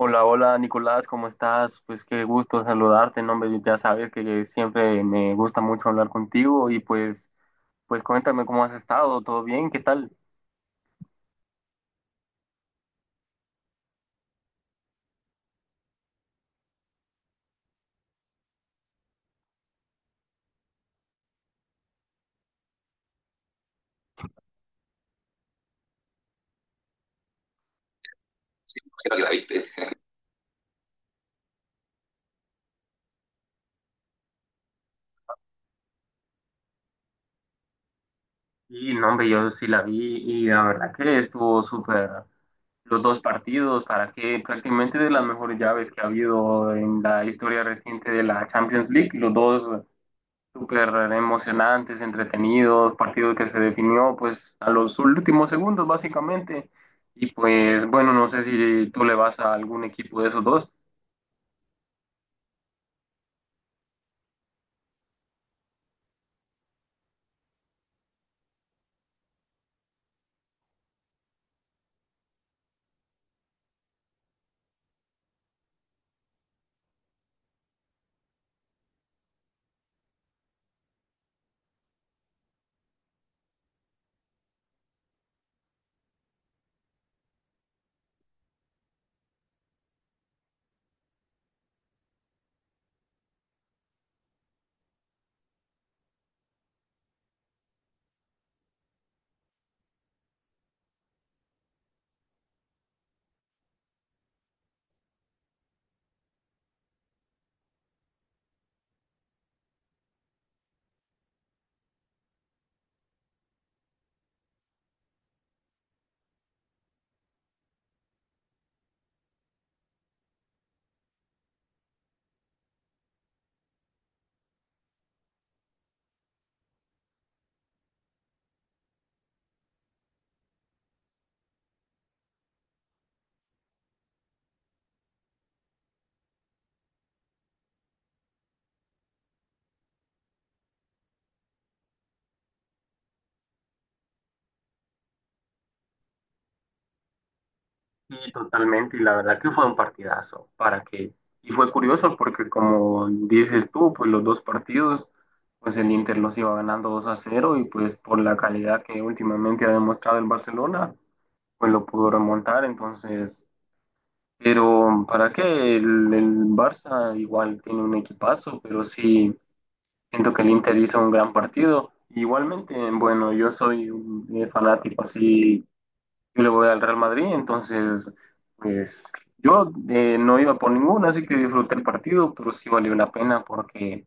Hola, hola Nicolás, ¿cómo estás? Pues qué gusto saludarte, ¿no, hombre? Ya sabes que siempre me gusta mucho hablar contigo y pues cuéntame cómo has estado, ¿todo bien? ¿Qué tal? Sí, imagino que la viste. Y no, hombre, yo sí la vi y la verdad que estuvo súper los dos partidos, para que prácticamente de las mejores llaves que ha habido en la historia reciente de la Champions League, los dos súper emocionantes, entretenidos, partido que se definió pues a los últimos segundos básicamente. Y pues bueno, no sé si tú le vas a algún equipo de esos dos. Y totalmente, y la verdad que fue un partidazo. ¿Para que Y fue curioso porque como dices tú, pues los dos partidos, pues el Inter los iba ganando 2-0 y pues por la calidad que últimamente ha demostrado el Barcelona, pues lo pudo remontar. Entonces, pero ¿para qué? El Barça igual tiene un equipazo, pero sí siento que el Inter hizo un gran partido. Igualmente, bueno, yo soy un fanático así, yo le voy al Real Madrid, entonces, pues yo no iba por ninguno, así que disfruté el partido, pero sí valió la pena porque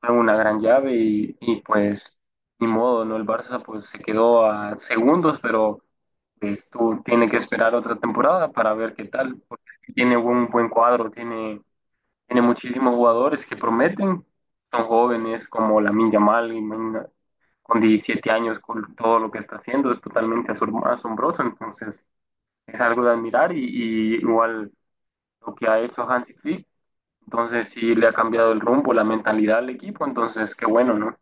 fue una gran llave pues ni modo, ¿no? El Barça pues se quedó a segundos, pero pues tú tienes que esperar otra temporada para ver qué tal, porque tiene un buen cuadro, tiene, tiene muchísimos jugadores que prometen, son jóvenes como Lamine Yamal, con 17 años, con todo lo que está haciendo, es totalmente asombroso, entonces es algo de admirar y igual lo que ha hecho Hansi Flick, entonces sí le ha cambiado el rumbo, la mentalidad al equipo, entonces qué bueno, ¿no?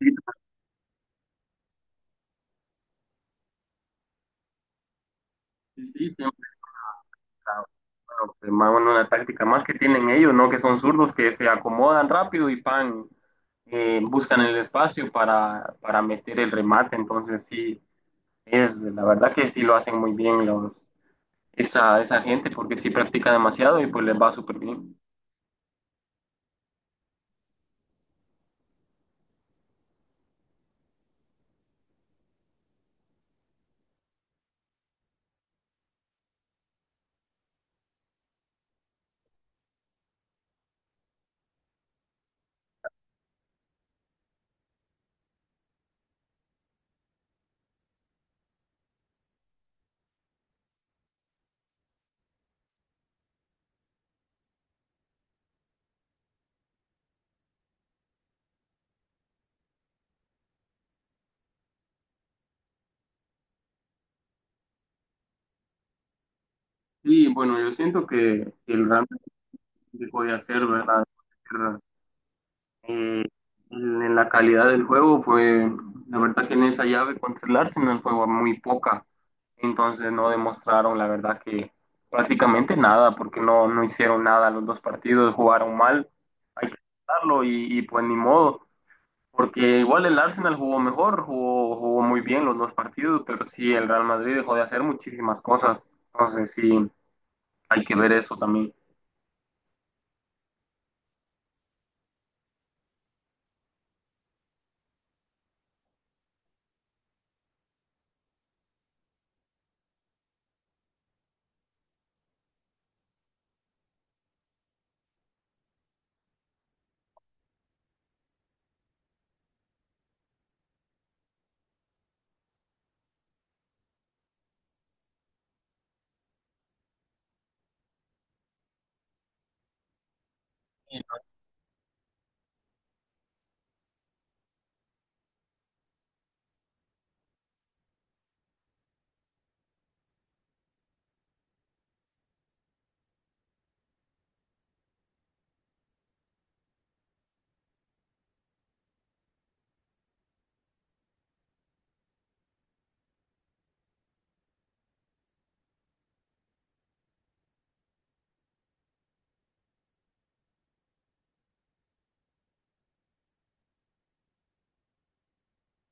Sí, sí, siempre. Ah, bueno, pues, más bueno, una táctica más que tienen ellos, ¿no? Que son zurdos que se acomodan rápido y pan, buscan el espacio para meter el remate. Entonces, sí, es la verdad que sí lo hacen muy bien los, esa gente porque sí practica demasiado y pues les va súper bien. Sí, bueno, yo siento que el Real Madrid puede hacer, ¿verdad? Eh, en la calidad del juego, pues la verdad que en esa llave contra el Arsenal fue muy poca. Entonces no demostraron, la verdad que prácticamente nada, porque no, no hicieron nada los dos partidos, jugaron mal, hay que aceptarlo y pues ni modo, porque igual el Arsenal jugó mejor, jugó muy bien los dos partidos, pero sí el Real Madrid dejó de hacer muchísimas cosas. Entonces sí, hay que ver eso también.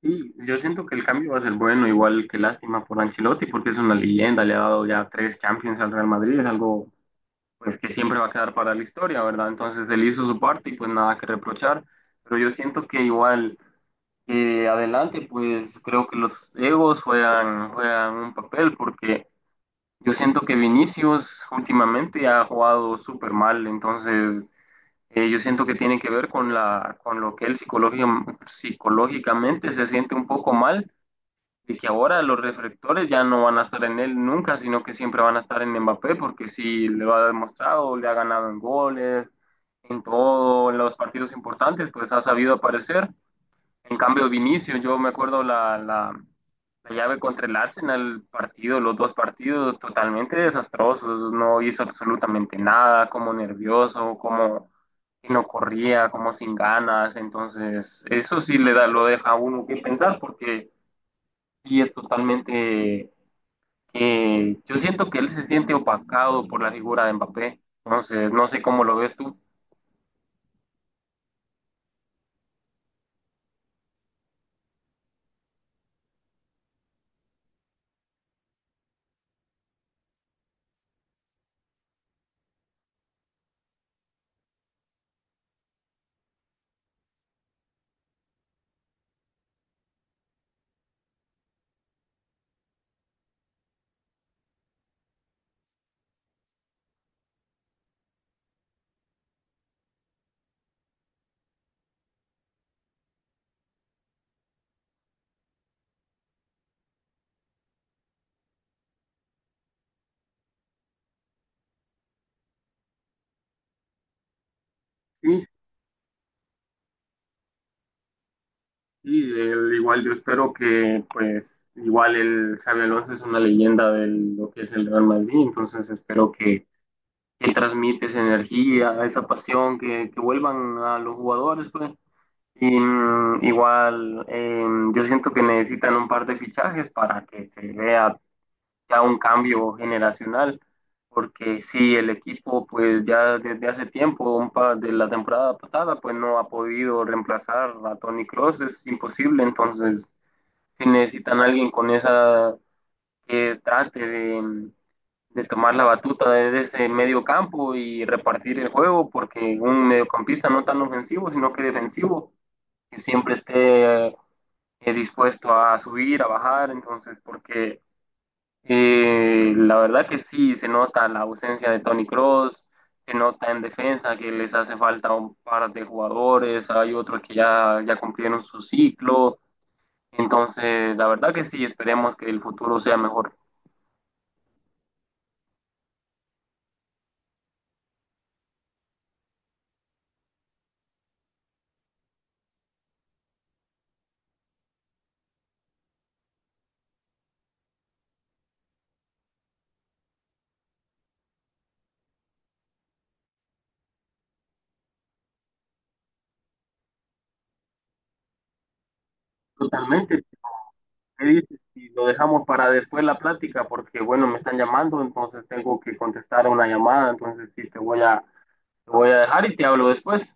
Y yo siento que el cambio va a ser bueno, igual que lástima por Ancelotti, porque es una leyenda, le ha dado ya tres Champions al Real Madrid, es algo, pues, que siempre va a quedar para la historia, ¿verdad? Entonces él hizo su parte y pues nada que reprochar, pero yo siento que igual adelante, pues creo que los egos juegan, juegan un papel, porque yo siento que Vinicius últimamente ha jugado súper mal, entonces yo siento que tiene que ver con lo que él psicológicamente se siente un poco mal de que ahora los reflectores ya no van a estar en él nunca, sino que siempre van a estar en Mbappé, porque sí lo ha demostrado, le ha ganado en goles, en todo, en los partidos importantes, pues ha sabido aparecer. En cambio, Vinicius, yo me acuerdo la llave contra el Arsenal, partido, los dos partidos totalmente desastrosos, no hizo absolutamente nada, como nervioso, como que no corría, como sin ganas, entonces eso sí le da, lo deja a uno que pensar, porque y es totalmente, yo siento que él se siente opacado por la figura de Mbappé. Entonces, no sé cómo lo ves tú. Sí, sí, igual yo espero que, pues, igual el Xabi Alonso es una leyenda de lo que es el Real Madrid, entonces espero que transmite esa energía, esa pasión, que vuelvan a los jugadores, pues. Y, igual, yo siento que necesitan un par de fichajes para que se vea ya un cambio generacional, porque si el equipo pues ya desde hace tiempo, un par de la temporada pasada, pues no ha podido reemplazar a Toni Kroos es imposible, entonces si necesitan a alguien con esa, que trate de tomar la batuta desde ese medio campo y repartir el juego, porque un mediocampista no tan ofensivo, sino que defensivo, que siempre esté dispuesto a subir, a bajar, entonces porque la verdad que sí, se nota la ausencia de Tony Cross, se nota en defensa que les hace falta un par de jugadores, hay otros que ya cumplieron su ciclo, entonces la verdad que sí, esperemos que el futuro sea mejor. Totalmente, ¿qué dices? Y lo dejamos para después la plática, porque bueno, me están llamando, entonces tengo que contestar a una llamada, entonces sí, te voy a dejar y te hablo después.